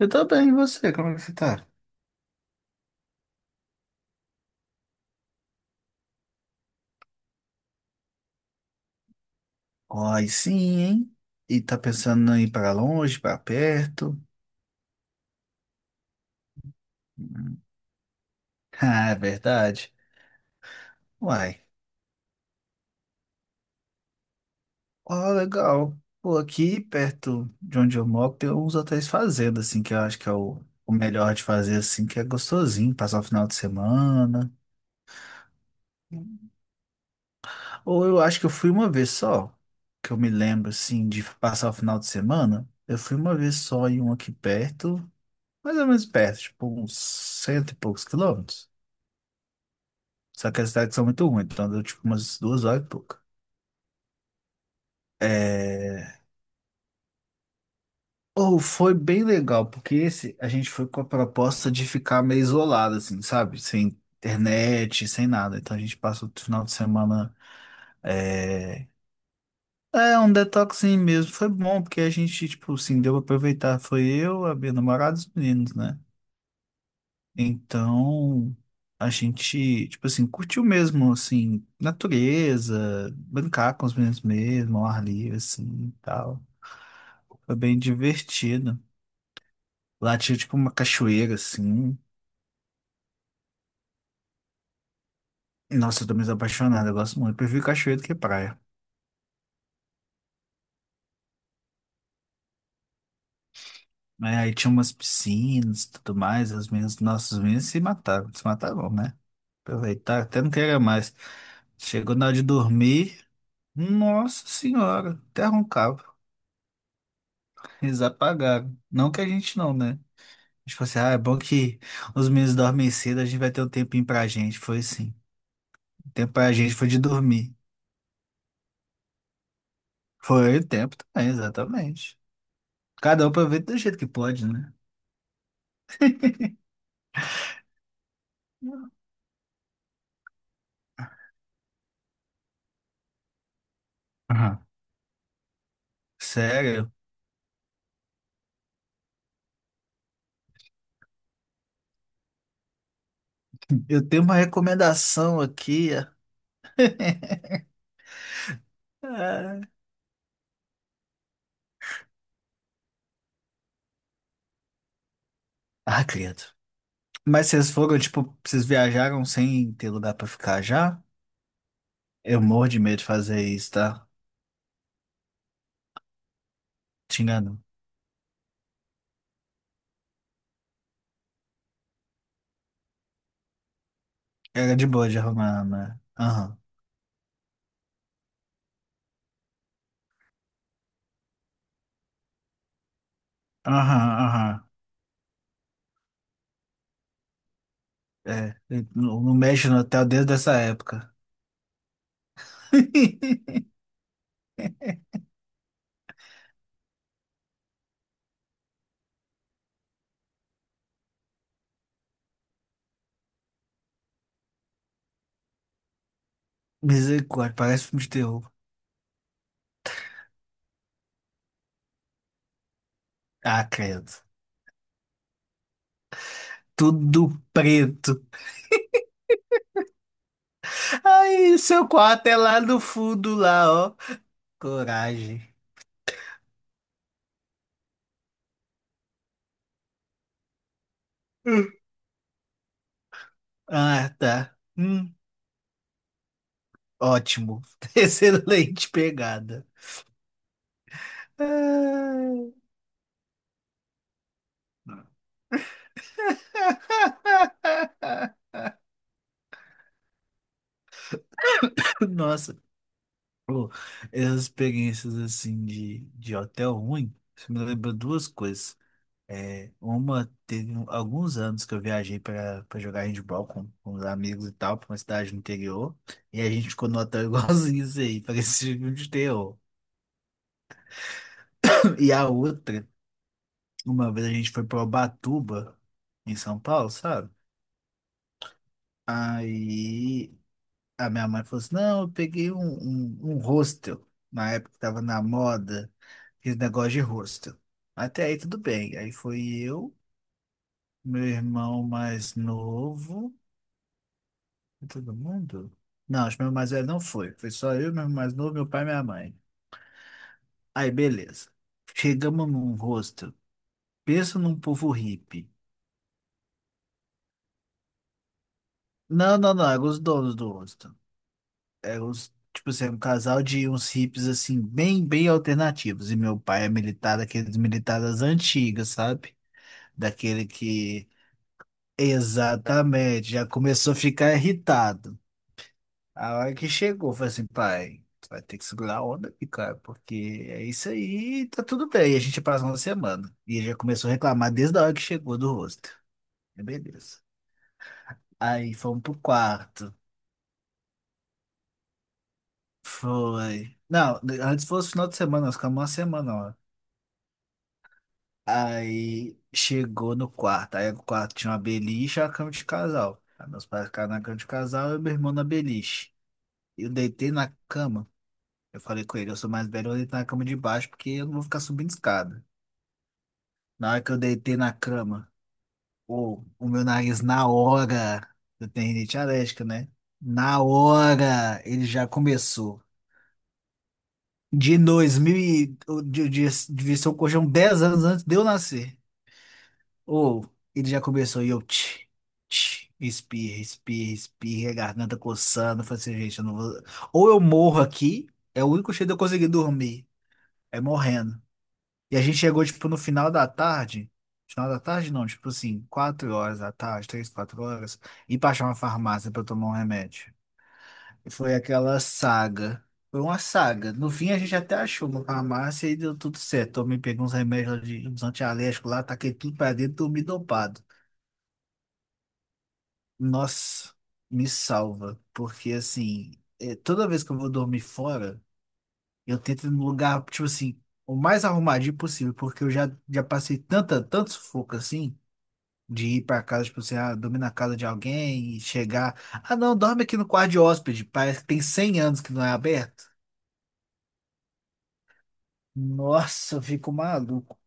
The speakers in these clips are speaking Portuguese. Eu tô bem, e você? Como é que você tá? Ai, sim, hein? E tá pensando em ir pra longe, pra perto? Hum. Ah, é verdade. Uai. Ó, legal. Pô, aqui perto de onde eu moro tem uns hotéis fazenda, assim, que eu acho que é o melhor de fazer, assim, que é gostosinho, passar o final de semana. Ou eu acho que eu fui uma vez só, que eu me lembro, assim, de passar o final de semana. Eu fui uma vez só em um aqui perto, mais ou menos perto, tipo uns cento e poucos quilômetros. Só que as tardes são muito ruins, então deu tipo umas duas horas e pouca. É... Ou foi bem legal, porque esse a gente foi com a proposta de ficar meio isolado, assim, sabe? Sem internet, sem nada. Então a gente passou o final de semana. É, é um detoxinho mesmo. Foi bom, porque a gente, tipo, assim, deu pra aproveitar. Foi eu, a minha namorada e os meninos, né? Então, a gente, tipo assim, curtiu mesmo, assim, natureza, brincar com os meninos mesmo, ao ar livre, assim, e tal. Foi bem divertido. Lá tinha, tipo, uma cachoeira, assim. Nossa, eu tô meio apaixonado, eu gosto muito. Eu prefiro cachoeira do que praia. Né, aí tinha umas piscinas e tudo mais, as meninas, nossos meninos se mataram, se mataram, né? Aproveitar, até não queria mais. Chegou na hora de dormir, nossa senhora, até roncava. Eles apagaram. Não que a gente não, né? Tipo assim, ah, é bom que os meninos dormem cedo, a gente vai ter um tempinho pra gente. Foi assim. O tempo pra gente foi de dormir. Foi o tempo também, exatamente. Cada um aproveita do jeito que pode, né? Aham. Sério. Eu tenho uma recomendação aqui. Ah, ah, credo. Mas vocês foram, tipo, vocês viajaram sem ter lugar pra ficar já? Eu morro de medo de fazer isso, tá? Te engano. Era de boa de arrumar, né? Aham. Aham, aham. É, eu não mexo no hotel desde essa época. Misericórdia, parece filme de terror. Ah, credo. Tudo preto. Ai, seu quarto é lá no fundo, lá, ó. Coragem. Hum. Ah, tá. Ótimo. Excelente pegada. Ah, nossa, pô, essas experiências assim de hotel ruim, isso me lembra duas coisas. É, uma, teve alguns anos que eu viajei para jogar handball com os amigos e tal, pra uma cidade do interior, e a gente ficou no hotel igualzinho isso aí, parecia filme de terror. E a outra, uma vez a gente foi pra Ubatuba, em São Paulo, sabe? Aí a minha mãe falou assim: não, eu peguei um hostel, na época que tava na moda, aquele negócio de hostel. Até aí tudo bem. Aí foi eu, meu irmão mais novo. Todo mundo? Não, acho que meu mais velho não foi. Foi só eu, meu mais novo, meu pai e minha mãe. Aí, beleza. Chegamos num rosto. Pensa num povo hippie. Não, não, não. Eram os donos do rosto. Eram os, tipo assim, um casal de uns hippies, assim, bem, bem alternativos. E meu pai é militar, daqueles militares das antigas, sabe? Daquele que. Exatamente. Já começou a ficar irritado. A hora que chegou, eu falei assim, pai, tu vai ter que segurar a onda aqui, cara, porque é isso aí, tá tudo bem. E a gente passou uma semana. E ele já começou a reclamar desde a hora que chegou do rosto. É, beleza. Aí fomos pro quarto. Foi. Não, antes fosse final de semana, nós ficamos uma semana, ó. Aí chegou no quarto. Aí o quarto tinha uma beliche e a cama de casal. Aí meus pais ficaram na cama de casal e meu irmão na beliche. Eu deitei na cama. Eu falei com ele, eu sou mais velho, eu vou deitar na cama de baixo porque eu não vou ficar subindo escada. Na hora que eu deitei na cama, pô, o meu nariz na hora, eu tenho rinite alérgica, né? Na hora ele já começou. De 2000, devia ser o colchão 10 anos antes de eu nascer. Ou ele já começou e eu tch, tch, espirra, espirra, espirra, a garganta coçando. Eu falei assim, gente, eu não vou. Ou eu morro aqui, é o único jeito de eu conseguir dormir, é morrendo. E a gente chegou, tipo, no final da tarde. Final da tarde, não, tipo assim, 4 horas da tarde, três, quatro horas, e pra achar uma farmácia pra tomar um remédio. E foi aquela saga. Foi uma saga. No fim, a gente até achou uma farmácia e deu tudo certo. Tomei, peguei uns remédios lá de uns antialérgicos lá, taquei tudo pra dentro, dormi dopado. Nossa, me salva. Porque, assim, toda vez que eu vou dormir fora, eu tento ir num lugar, tipo assim, o mais arrumadinho possível, porque eu já passei tanto sufoco assim. De ir para casa, tipo assim, ah, dormir na casa de alguém e chegar. Ah, não, dorme aqui no quarto de hóspede. Parece que tem 100 anos que não é aberto. Nossa, eu fico maluco.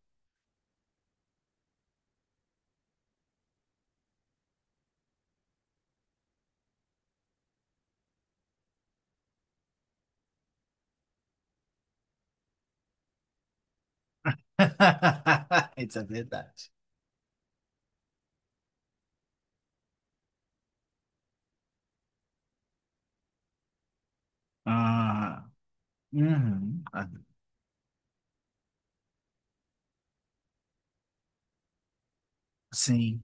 Isso é verdade. Ah, uhum. Ah, sim,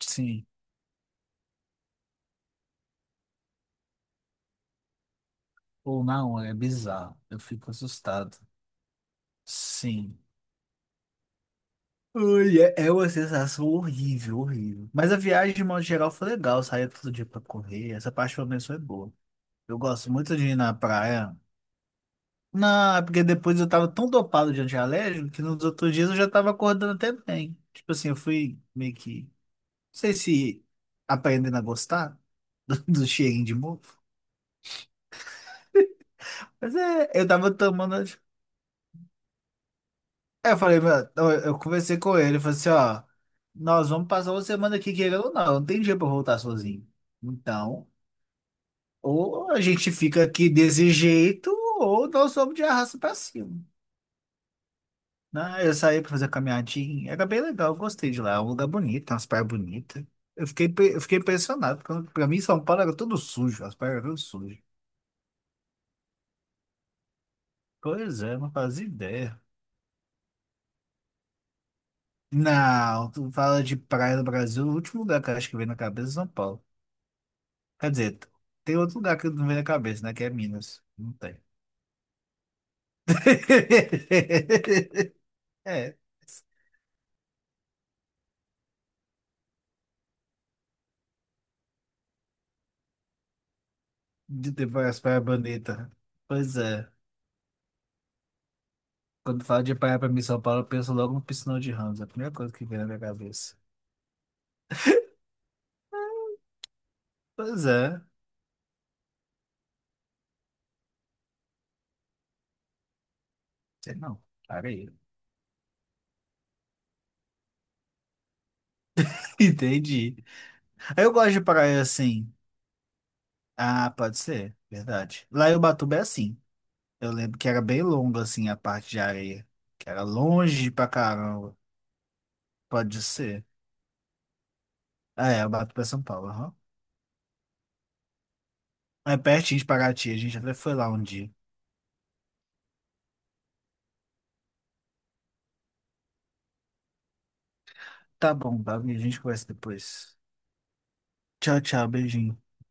sim. Ou não, é bizarro. Eu fico assustado. Sim. Ai, é uma sensação horrível, horrível. Mas a viagem, de modo geral, foi legal. Saía todo dia pra correr. Essa parte, pelo menos, foi boa. Eu gosto muito de ir na praia. Não, é porque depois eu tava tão dopado de antialérgico que nos outros dias eu já tava acordando até bem. Tipo assim, eu fui meio que. Não sei se aprendendo a gostar do cheirinho de mofo. Mas é, eu tava tomando anti-. Aí eu falei, mano, eu conversei com ele, eu falei assim, ó, nós vamos passar uma semana aqui querendo ou não, não tem dia pra eu voltar sozinho. Então, ou a gente fica aqui desse jeito, ou nós vamos de arrasto pra cima. Não, eu saí pra fazer caminhadinha. Era bem legal, eu gostei de lá. É um lugar bonito, tem umas praias bonitas. Eu fiquei impressionado. Quando, pra mim, São Paulo era tudo sujo, as praias eram sujas. Pois é, não fazia ideia. Não, tu fala de praia no Brasil, o último lugar que eu acho que vem na cabeça é São Paulo. Quer dizer, tem outro lugar que não vem na cabeça, né? Que é Minas. Não tem. É, de ter várias praias bonitas. Pois é. Quando fala de praia pra mim, em São Paulo, eu penso logo no Piscinão de Ramos. É a primeira coisa que vem na minha cabeça. Pois é. Sei não. Para aí. Entendi. Aí eu gosto de praia assim. Ah, pode ser. Verdade. Lá em Ubatuba é assim. Eu lembro que era bem longo assim a parte de areia. Que era longe pra caramba. Pode ser. Ah, é. Ubatuba é São Paulo. Aham. É pertinho de Paraty. A gente até foi lá um dia. Tá bom, Davi. A gente conversa depois. Tchau, tchau. Beijinho.